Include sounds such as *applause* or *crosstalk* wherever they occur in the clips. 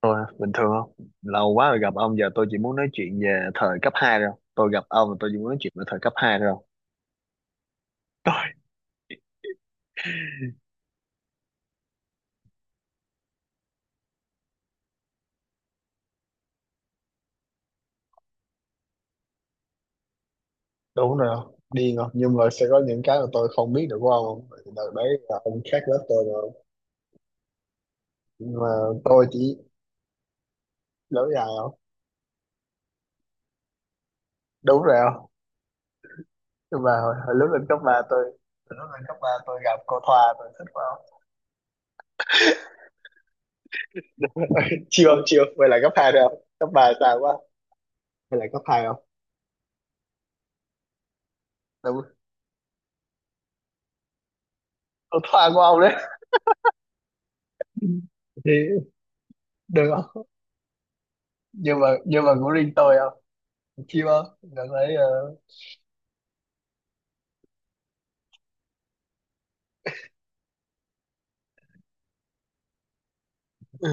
Tôi bình thường không? Lâu quá rồi gặp ông, giờ tôi chỉ muốn nói chuyện về thời cấp 2 thôi. Tôi gặp ông là tôi chỉ muốn nói chuyện về thời cấp 2 thôi. tôi Đúng rồi không? Điên không, nhưng mà sẽ có những cái mà tôi không biết được của ông không? Tại vì đợt đấy là ông khác lớp tôi rồi, nhưng mà tôi chỉ lỡ dài không. Đúng rồi không? Nhưng mà hồi lúc lên cấp ba tôi gặp cô Thoa, tôi thích quá không. *laughs* Chiêu không chiêu, vậy là cấp hai rồi không, cấp ba sao quá, vậy là cấp hai không. Đúng, cô Thoa của ông đấy. *laughs* Thì được không, nhưng mà của riêng tôi không. Chim không, đợt thấy ừ,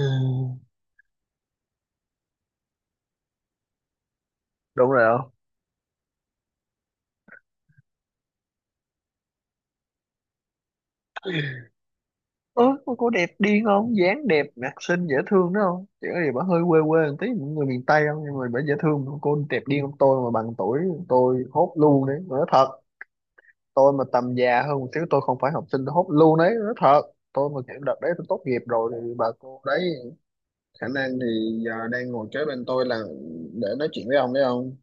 đúng rồi không. Ơ, cô đẹp điên không, dáng đẹp, mặt xinh, dễ thương đó không, chỉ có gì bà hơi quê quê một tí, những người miền Tây không, nhưng mà bà dễ thương mà. Cô đẹp điên không, tôi mà bằng tuổi tôi hốt luôn đấy nói thật. Tôi mà tầm già hơn một xíu, tôi không phải học sinh, tôi hốt luôn đấy nói thật. Tôi mà kiểu đợt đấy tôi tốt nghiệp rồi thì bà cô đấy khả năng thì giờ đang ngồi kế bên tôi là để nói chuyện với ông đấy không.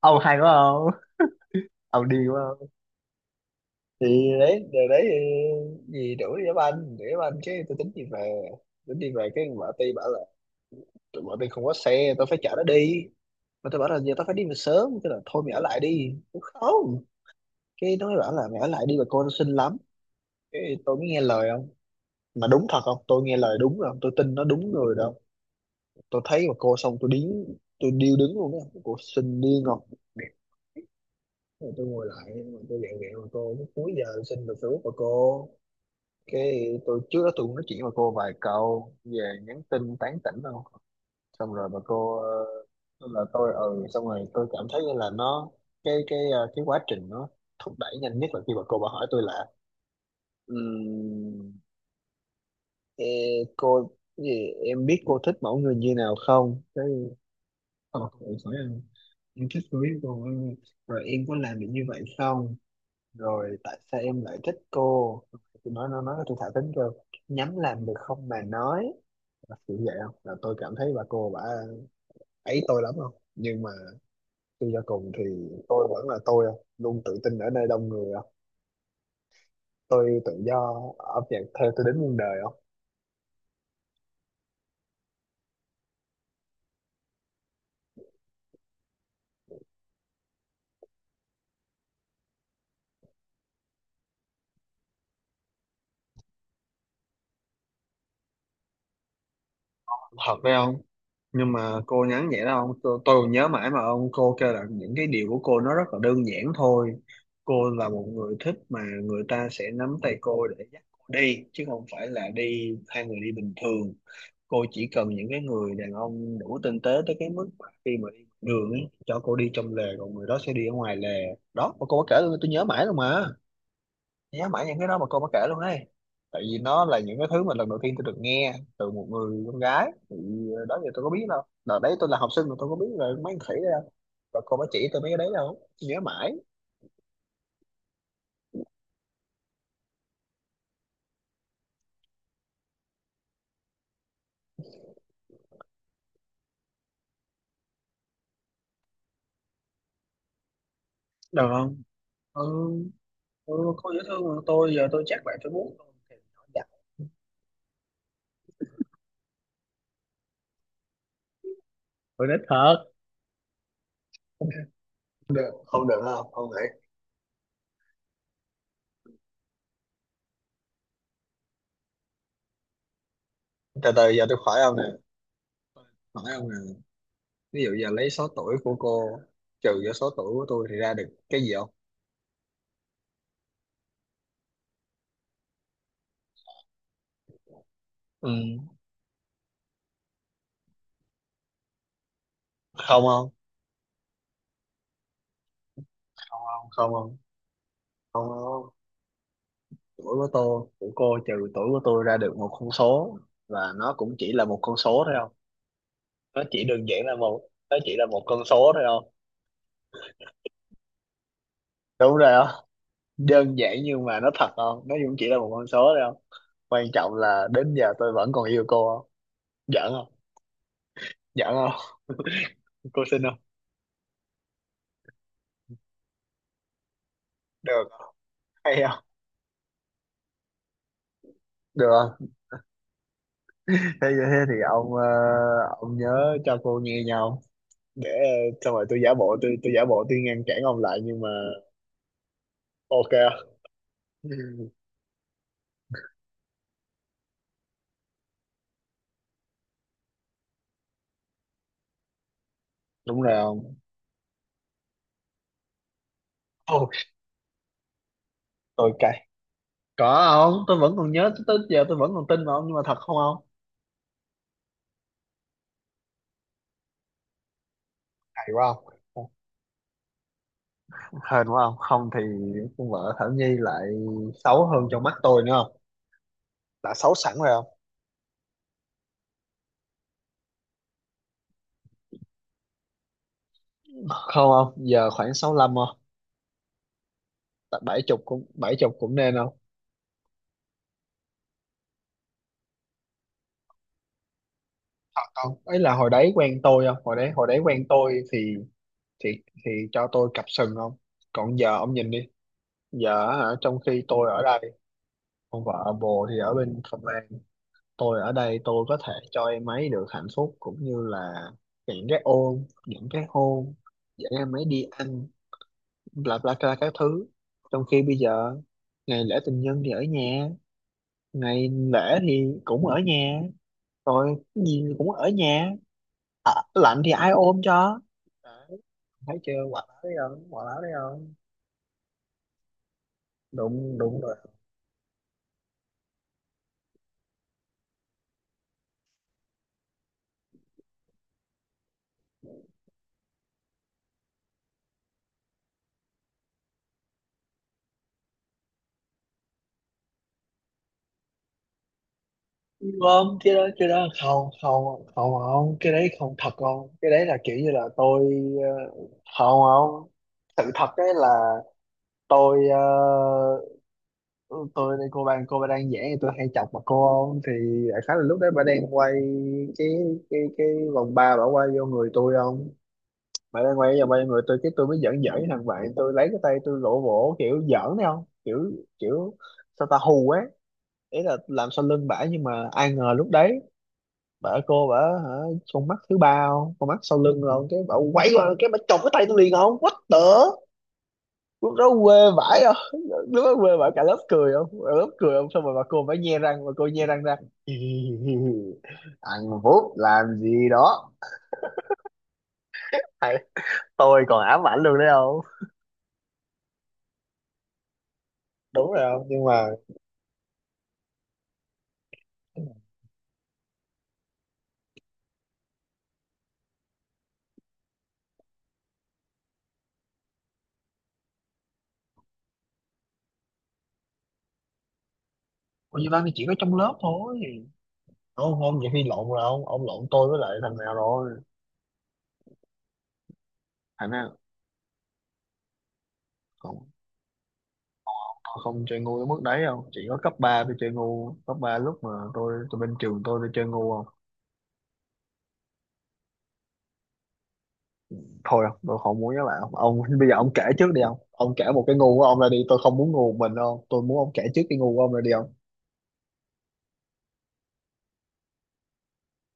Ông hay quá không. Ông điên quá. Thì đấy điều đấy thì gì, đuổi đám anh, cái tôi tính đi về, cái vợ tôi bảo là tụi vợ tôi không có xe, tôi phải chở nó đi. Mà tôi bảo là giờ tao phải đi về sớm, cái là thôi mày ở lại đi. Tôi không. Cái nó mới bảo là mày ở lại đi, bà cô nó xinh lắm. Cái tôi mới nghe lời không, mà đúng thật không, tôi nghe lời đúng rồi không. Tôi tin nó đúng người đâu. Tôi thấy bà cô xong tôi điếng, tôi điêu đứng luôn á, cô xinh điên ngọt. Rồi tôi ngồi lại mà tôi dặn mẹ bà cô, cuối giờ xin được Facebook bà cô, cái tôi trước đó tôi cũng nói chuyện với cô vài câu về nhắn tin tán tỉnh đâu. Xong rồi bà cô tôi là tôi ừ, xong rồi tôi cảm thấy như là nó cái quá trình nó thúc đẩy nhanh nhất là khi bà cô bà hỏi tôi là, um, cô cái gì em biết cô thích mẫu người như nào không, cái ờ, tôi hỏi em thích cô biết cô, rồi em có làm được như vậy không, rồi tại sao em lại thích cô. Tôi nói, nó nói tôi thả thính, kêu nhắm làm được không mà nói. Là kiểu vậy không, là tôi cảm thấy bà cô bà ấy tôi lắm không, nhưng mà suy cho cùng thì tôi vẫn là tôi không, luôn tự tin ở nơi đông người không. Tôi tự do âm nhạc theo tôi đến muôn đời không. Thật phải không? Nhưng mà cô nhắn vậy đó không, tôi còn nhớ mãi mà ông, cô kêu là những cái điều của cô nó rất là đơn giản thôi. Cô là một người thích mà người ta sẽ nắm tay cô để dắt cô đi chứ không phải là đi hai người đi bình thường. Cô chỉ cần những cái người đàn ông đủ tinh tế tới cái mức mà khi mà đi ngoài đường ấy, cho cô đi trong lề còn người đó sẽ đi ở ngoài lề. Đó mà cô có kể luôn, tôi nhớ mãi luôn mà, nhớ mãi những cái đó mà cô có kể luôn ấy, tại vì nó là những cái thứ mà lần đầu tiên tôi được nghe từ một người con gái thì đó giờ tôi có biết đâu, đợt đấy tôi là học sinh mà tôi có biết là mấy thằng khỉ đâu, và cô mới chỉ tôi mấy cái đấy đâu, tôi nhớ mãi. Được không. Ừ, ừ. Cô dễ thương mà, tôi giờ tôi chắc lại tôi muốn, tôi nít thật. Được không, được không, không nghĩ. Từ từ giờ tôi khỏi ông nè. Phải không nào? Ví dụ giờ lấy số tuổi của cô trừ vô số tuổi của tôi thì ra được cái gì không? Ừ. Không không? Không không, không không. Không không. Tuổi của tôi, của cô trừ tuổi của tôi ra được một con số, và nó cũng chỉ là một con số thôi không? Nó chỉ đơn giản là một, nó chỉ là một con số thôi không? Đúng rồi không. Đơn giản nhưng mà nó thật không, nó cũng chỉ là một con số thôi không. Quan trọng là đến giờ tôi vẫn còn yêu cô không. Giỡn không? Giỡn không? Cô xin không? Được không? Hay không? Được. Thế thế thì ông ông nhớ cho cô nghe nhau, để xong rồi tôi giả bộ tôi ngăn cản ông lại, nhưng mà ok không? Ừ, đúng rồi không. Oh, tôi cay. Có không, tôi vẫn còn nhớ tới giờ, tôi vẫn còn tin mà ông, nhưng mà thật không, không. Hay quá không. Hên quá không, không thì con vợ Thảo Nhi lại xấu hơn trong mắt tôi nữa không. Đã xấu sẵn rồi không. Không không, giờ khoảng 65 không. Tại 70 cũng bảy chục cũng nên không. Thật không, ấy là hồi đấy quen tôi không, hồi đấy hồi đấy quen tôi thì thì thì cho tôi cặp sừng không. Còn giờ ông nhìn đi, giờ hả, trong khi tôi ở đây, ông vợ bồ thì ở bên Phần Lan, tôi ở đây tôi có thể cho em ấy được hạnh phúc, cũng như là những cái ôm, những cái hôn, dẫn em ấy đi ăn, bla bla bla các thứ. Trong khi bây giờ ngày lễ tình nhân thì ở nhà, ngày lễ thì cũng ở nhà, rồi cái gì cũng ở nhà. À, lạnh thì ai ôm cho? Đấy, thấy chưa, quả báo đấy không, quả báo đấy không. Đụng đụng. Không, cái đó cái đó không không không không, cái đấy không thật không, cái đấy là kiểu như là tôi ờ, không không, sự thật đấy là tôi tôi cô bạn cô bà đang vẽ thì tôi hay chọc mặt cô không, thì đại khái là lúc đấy bà đang quay cái cái vòng ba, bà quay vô người tôi không. Bà đang quay vào quay người tôi, cái tôi mới giỡn giỡn với thằng bạn, tôi lấy cái tay tôi vỗ vỗ kiểu giỡn đấy không, kiểu kiểu sao ta, hù ấy, ý là làm sau lưng bả, nhưng mà ai ngờ lúc đấy bà cô bả hả, con mắt thứ ba không, con mắt sau lưng không, cái bả quay qua cái bả chộp cái tay tôi liền không, what the. Lúc đó quê vãi không, lúc đó quê vãi, cả lớp cười không, cả lớp cười không, xong rồi bà cô bả nhe răng, bà cô nhe răng ra. *laughs* Thằng Phúc làm gì đó Thầy, tôi còn ám ảnh luôn đấy không. Đúng rồi không, nhưng mà. Ủa, như ba thì chỉ có trong lớp thôi. Không không, vậy khi lộn rồi không, ông lộn tôi với lại thằng nào rồi. Thằng nào còn? Họ không chơi ngu tới mức đấy đâu, chỉ có cấp 3 tôi chơi ngu, cấp 3 lúc mà tôi bên trường tôi chơi ngu không. Thôi không, tôi không muốn với bạn ông, bây giờ ông kể trước đi không, ông kể một cái ngu của ông ra đi, tôi không muốn ngu một mình đâu, tôi muốn ông kể trước cái ngu của ông ra đi không.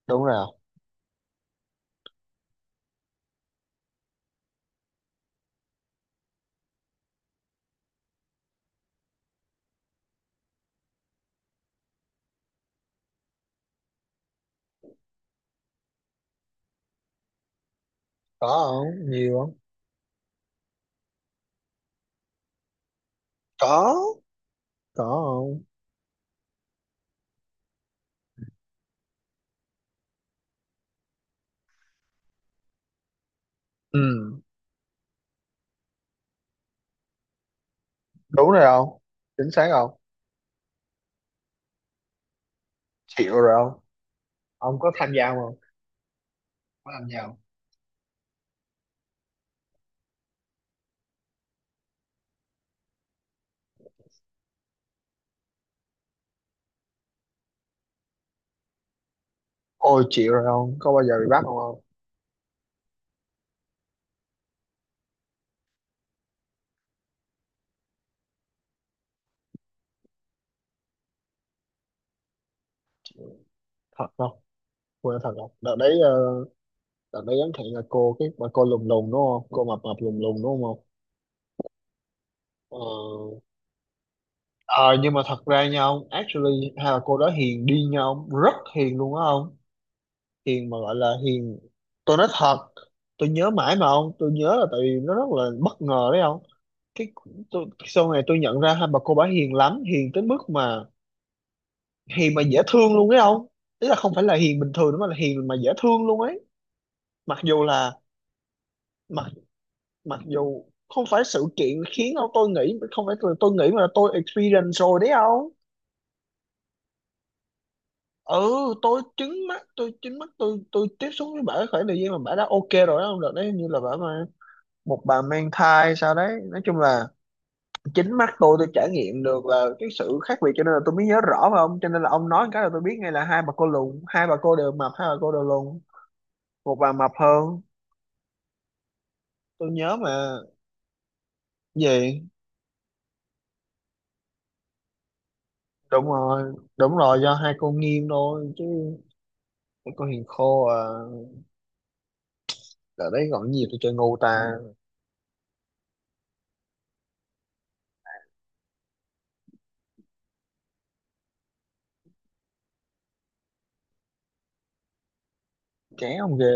Đúng rồi không. Có không, nhiều không. Có. Có không. Ừ, đúng rồi không. Chính xác không. Chịu rồi không. Ông có tham gia không. Có làm giàu. Ôi chịu rồi không, có bao giờ bị bắt không, không. Thật không. Quên thật không, đợt đấy ấn hẹn là cô cái bà cô lùn lùn đúng không, cô mập mập lùn lùn đúng không. Ờ. Ờ, nhưng mà thật ra nha ông, actually hai bà cô đó hiền đi nha ông, rất hiền luôn á ông. Hiền mà gọi là hiền, tôi nói thật, tôi nhớ mãi mà ông, tôi nhớ là tại vì nó rất là bất ngờ đấy ông. Cái tôi, sau này tôi nhận ra hai bà cô bả hiền lắm, hiền tới mức mà hiền mà dễ thương luôn đấy ông, ý là không phải là hiền bình thường nữa mà là hiền mà dễ thương luôn ấy. mặc dù là mặc Mặc dù không phải sự kiện khiến ông tôi nghĩ, không phải là tôi nghĩ mà là tôi experience rồi đấy không. Ừ. tôi chứng mắt tôi chứng mắt tôi tiếp xúc với bả khoảng thời gian mà bả đã ok rồi đó không, được đấy, như là bả mà một bà mang thai sao đấy, nói chung là chính mắt tôi trải nghiệm được là cái sự khác biệt, cho nên là tôi mới nhớ rõ mà ông, cho nên là ông nói cái là tôi biết ngay, là hai bà cô lùn, hai bà cô đều mập, hai bà cô đều lùn, một bà mập hơn, tôi nhớ mà. Gì? Đúng rồi, đúng rồi, do hai cô nghiêng thôi chứ có hiền khô à, ở đấy còn nhiều tôi chơi ngu ta. Ké không ghê.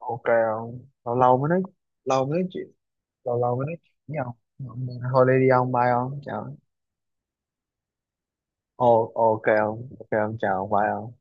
Ok không. Lâu lâu mới nói, lâu mới nói chuyện lâu lâu mới nói chuyện với ông, thôi đi đi ông, bye ông, chào. Ồ, ok ông, ok ông, chào ông, bye ông.